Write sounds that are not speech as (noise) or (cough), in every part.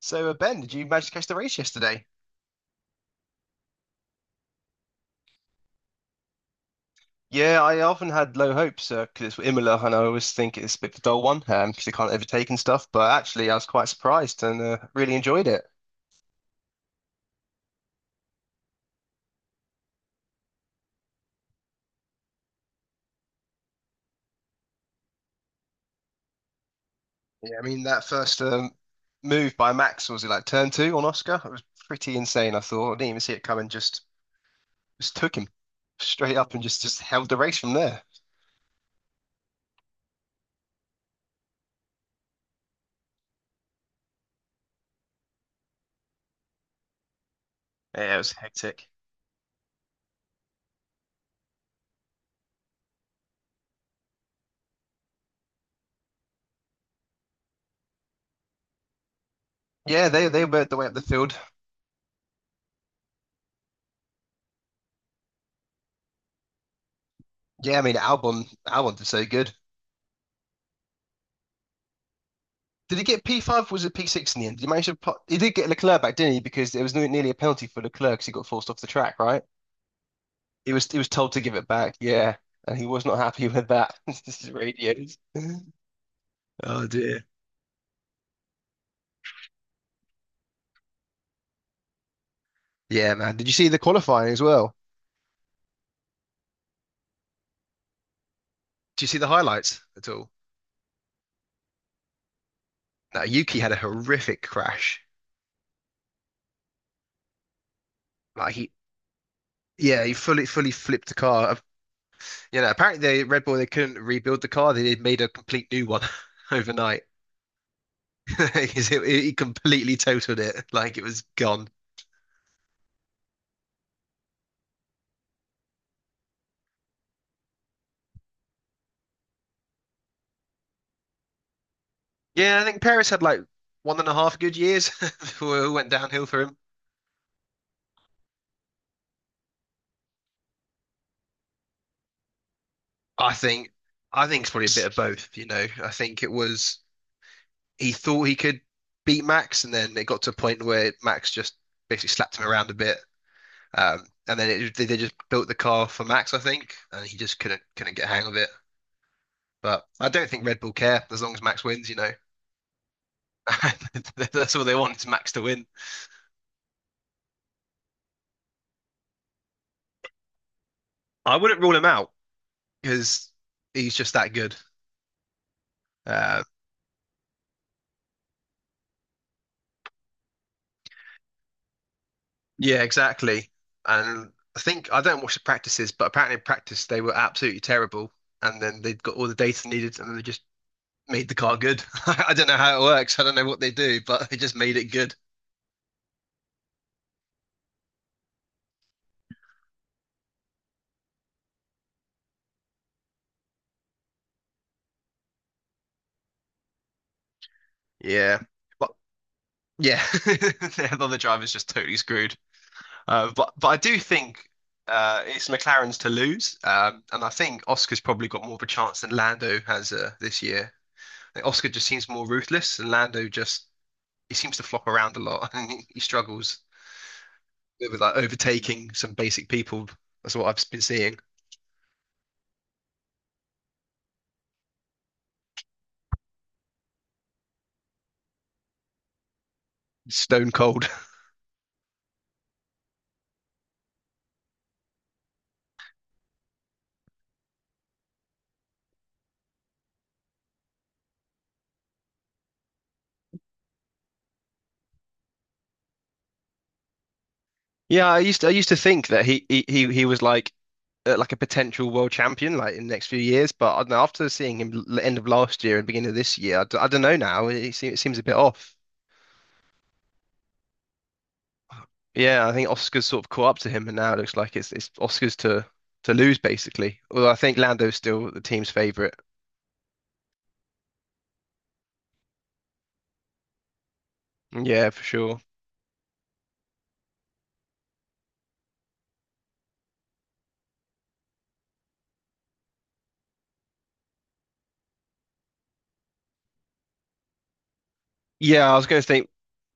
So, Ben, did you manage to catch the race yesterday? Yeah, I often had low hopes 'cause because it's Imola, and I always think it's a bit of a dull one, because they can't overtake and stuff. But actually, I was quite surprised and really enjoyed it. Yeah, I mean that first, move by Max, was it like turn two on Oscar? It was pretty insane. I thought I didn't even see it coming. Just took him straight up and just held the race from there. Yeah, it was hectic. Yeah, they were the way up the field. Yeah, I mean Albon did so good. Did he get P5 or was it P6 in the end? Did he manage to put, he did get Leclerc back, didn't he? Because there was nearly a penalty for Leclerc because he got forced off the track, right? He was told to give it back, yeah. And he was not happy with that. (laughs) This is radios. (laughs) Oh dear. Yeah, man. Did you see the qualifying as well? Did you see the highlights at all? No, Yuki had a horrific crash. Like he Yeah, he fully flipped the car. You know, apparently they Red Bull, they couldn't rebuild the car. They made a complete new one (laughs) overnight. (laughs) It completely totaled it. Like it was gone. Yeah, I think Paris had like one and a half good years (laughs) before it all went downhill for him. I think I think it's probably a bit of both, you know. I think it was, he thought he could beat Max, and then it got to a point where Max just basically slapped him around a bit. They just built the car for Max, I think, and he just couldn't get a hang of it. But I don't think Red Bull care as long as Max wins, you know. (laughs) That's all they want is Max to win. I wouldn't rule him out because he's just that good. Um, Yeah, exactly. And I think, I don't watch the practices, but apparently in practice they were absolutely terrible. And then they got all the data needed, and then they just made the car good. (laughs) I don't know how it works. I don't know what they do, but they just made it good. Yeah, but yeah, (laughs) the other driver's just totally screwed. But I do think, it's McLaren's to lose, and I think Oscar's probably got more of a chance than Lando has, this year. I think Oscar just seems more ruthless, and Lando just, he seems to flop around a lot, (laughs) and he struggles. It was like overtaking some basic people. That's what I've been seeing. Stone cold. (laughs) Yeah, I used to think that he was like, like a potential world champion like in the next few years, but I don't know, after seeing him end of last year and beginning of this year, I don't know now. It seems a bit off. Yeah, I think Oscar's sort of caught up to him, and now it looks like it's Oscar's to lose basically. Although I think Lando's still the team's favorite. Yeah, for sure. Yeah, I was going to think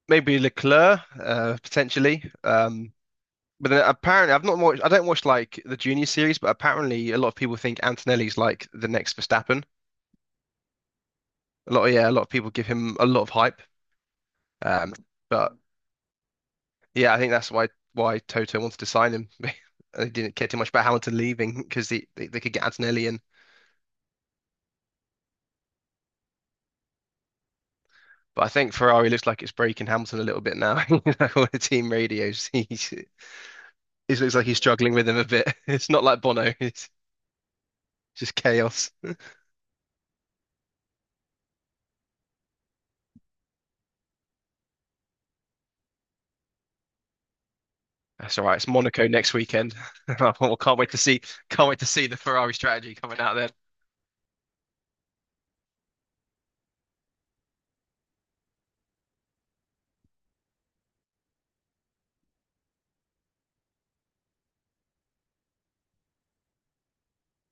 maybe Leclerc, potentially. But then apparently, I've not watched. I don't watch like the junior series, but apparently, a lot of people think Antonelli's like the next Verstappen. A lot of people give him a lot of hype. Um, but yeah, I think that's why Toto wanted to sign him. (laughs) They didn't care too much about Hamilton leaving because they could get Antonelli in. But I think Ferrari looks like it's breaking Hamilton a little bit now. (laughs) You know, on the team radios, (laughs) he's it looks like he's struggling with him a bit. (laughs) It's not like Bono. (laughs) It's just chaos. That's all right. It's Monaco next weekend. (laughs) I can't wait to see. Can't wait to see the Ferrari strategy coming out then.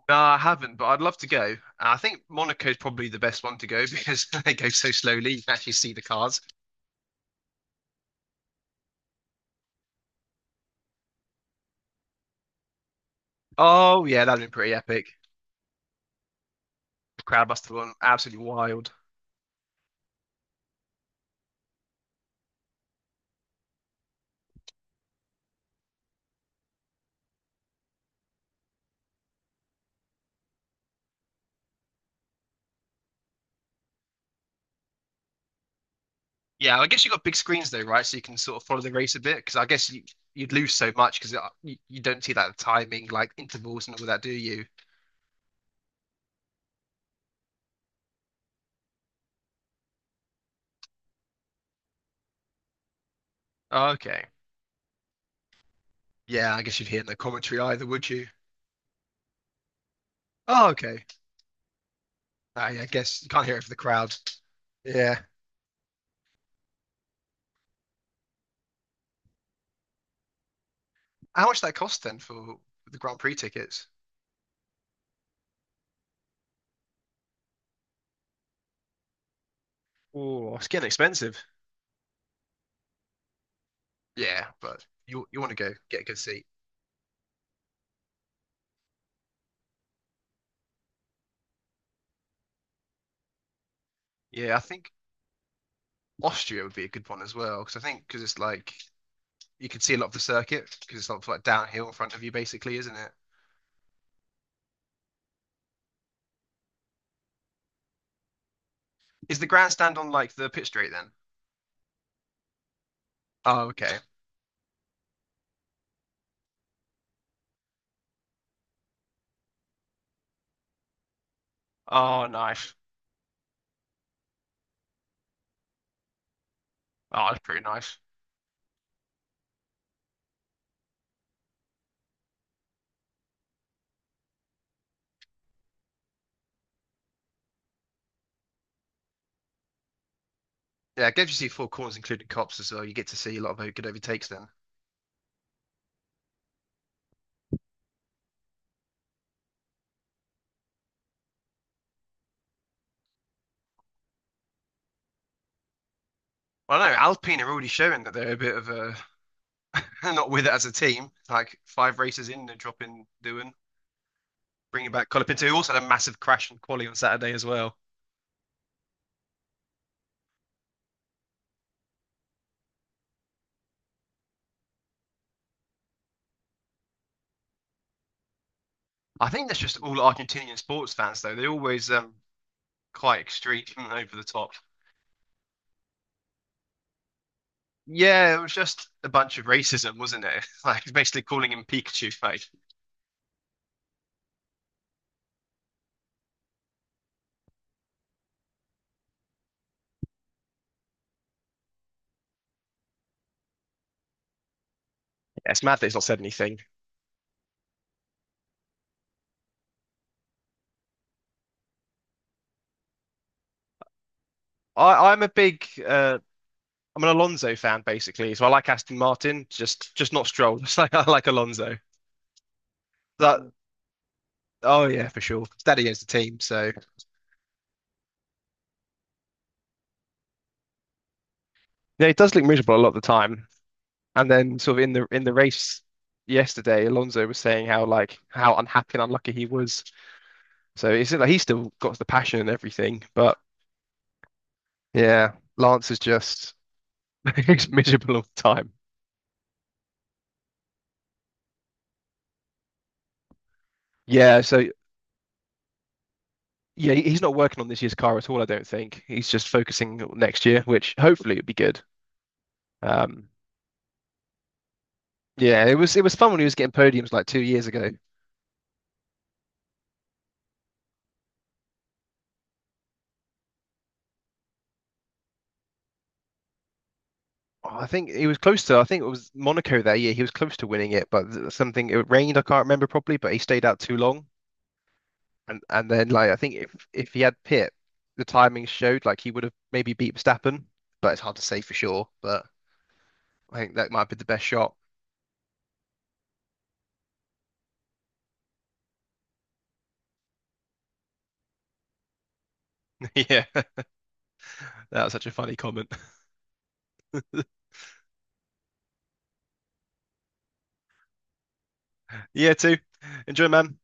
No, I haven't, but I'd love to go. I think Monaco is probably the best one to go (laughs) because they go so slowly. You can actually see the cars. Oh yeah, that'd been pretty epic. The crowd must have gone absolutely wild. Yeah, I guess you've got big screens though, right? So you can sort of follow the race a bit because I guess you, you'd lose so much because you don't see that timing, like intervals and all that, do you? Okay. Yeah, I guess you'd hear no commentary either, would you? Oh, okay. I guess you can't hear it for the crowd. Yeah. How much did that cost then for the Grand Prix tickets? Oh, it's getting expensive. Yeah, but you want to go get a good seat. Yeah, I think Austria would be a good one as well because I think, because it's like, you can see a lot of the circuit because it's not like downhill in front of you basically, isn't it? Is the grandstand on like the pit straight then? Oh, okay. Oh, nice. Oh, that's pretty nice. Yeah, it gives you see four corners including cops as well. You get to see a lot of good overtakes then. Well, I don't know, Alpine are already showing that they're a bit of a (laughs) not with it as a team. Like five races in, they're dropping Doohan, bringing back Colapinto, who also had a massive crash in quali on Saturday as well. I think that's just all Argentinian sports fans, though. They're always, quite extreme (laughs) and over the top. Yeah, it was just a bunch of racism, wasn't it? (laughs) Like it's basically calling him Pikachu. Like yeah, it's mad that he's not said anything. I'm a big, I'm an Alonso fan basically, so I like Aston Martin, just not Stroll. (laughs) Just like I like Alonso. That oh yeah, for sure. Daddy owns the team, so yeah, he does look miserable a lot of the time. And then sort of in the race yesterday, Alonso was saying how like how unhappy and unlucky he was. So it's like he's still got the passion and everything, but yeah, Lance is just (laughs) he's miserable all the time. Yeah, so yeah, he's not working on this year's car at all, I don't think. He's just focusing on next year, which hopefully it'll be good. Um yeah, it was fun when he was getting podiums like 2 years ago. Oh, I think he was close to, I think it was Monaco that year. He was close to winning it, but something, it rained, I can't remember properly, but he stayed out too long. And then, like, I think if he had Pitt, the timing showed like he would have maybe beat Verstappen, but it's hard to say for sure. But I think that might be the best shot. (laughs) Yeah, that was such a funny comment. (laughs) Yeah, too. Enjoy, man.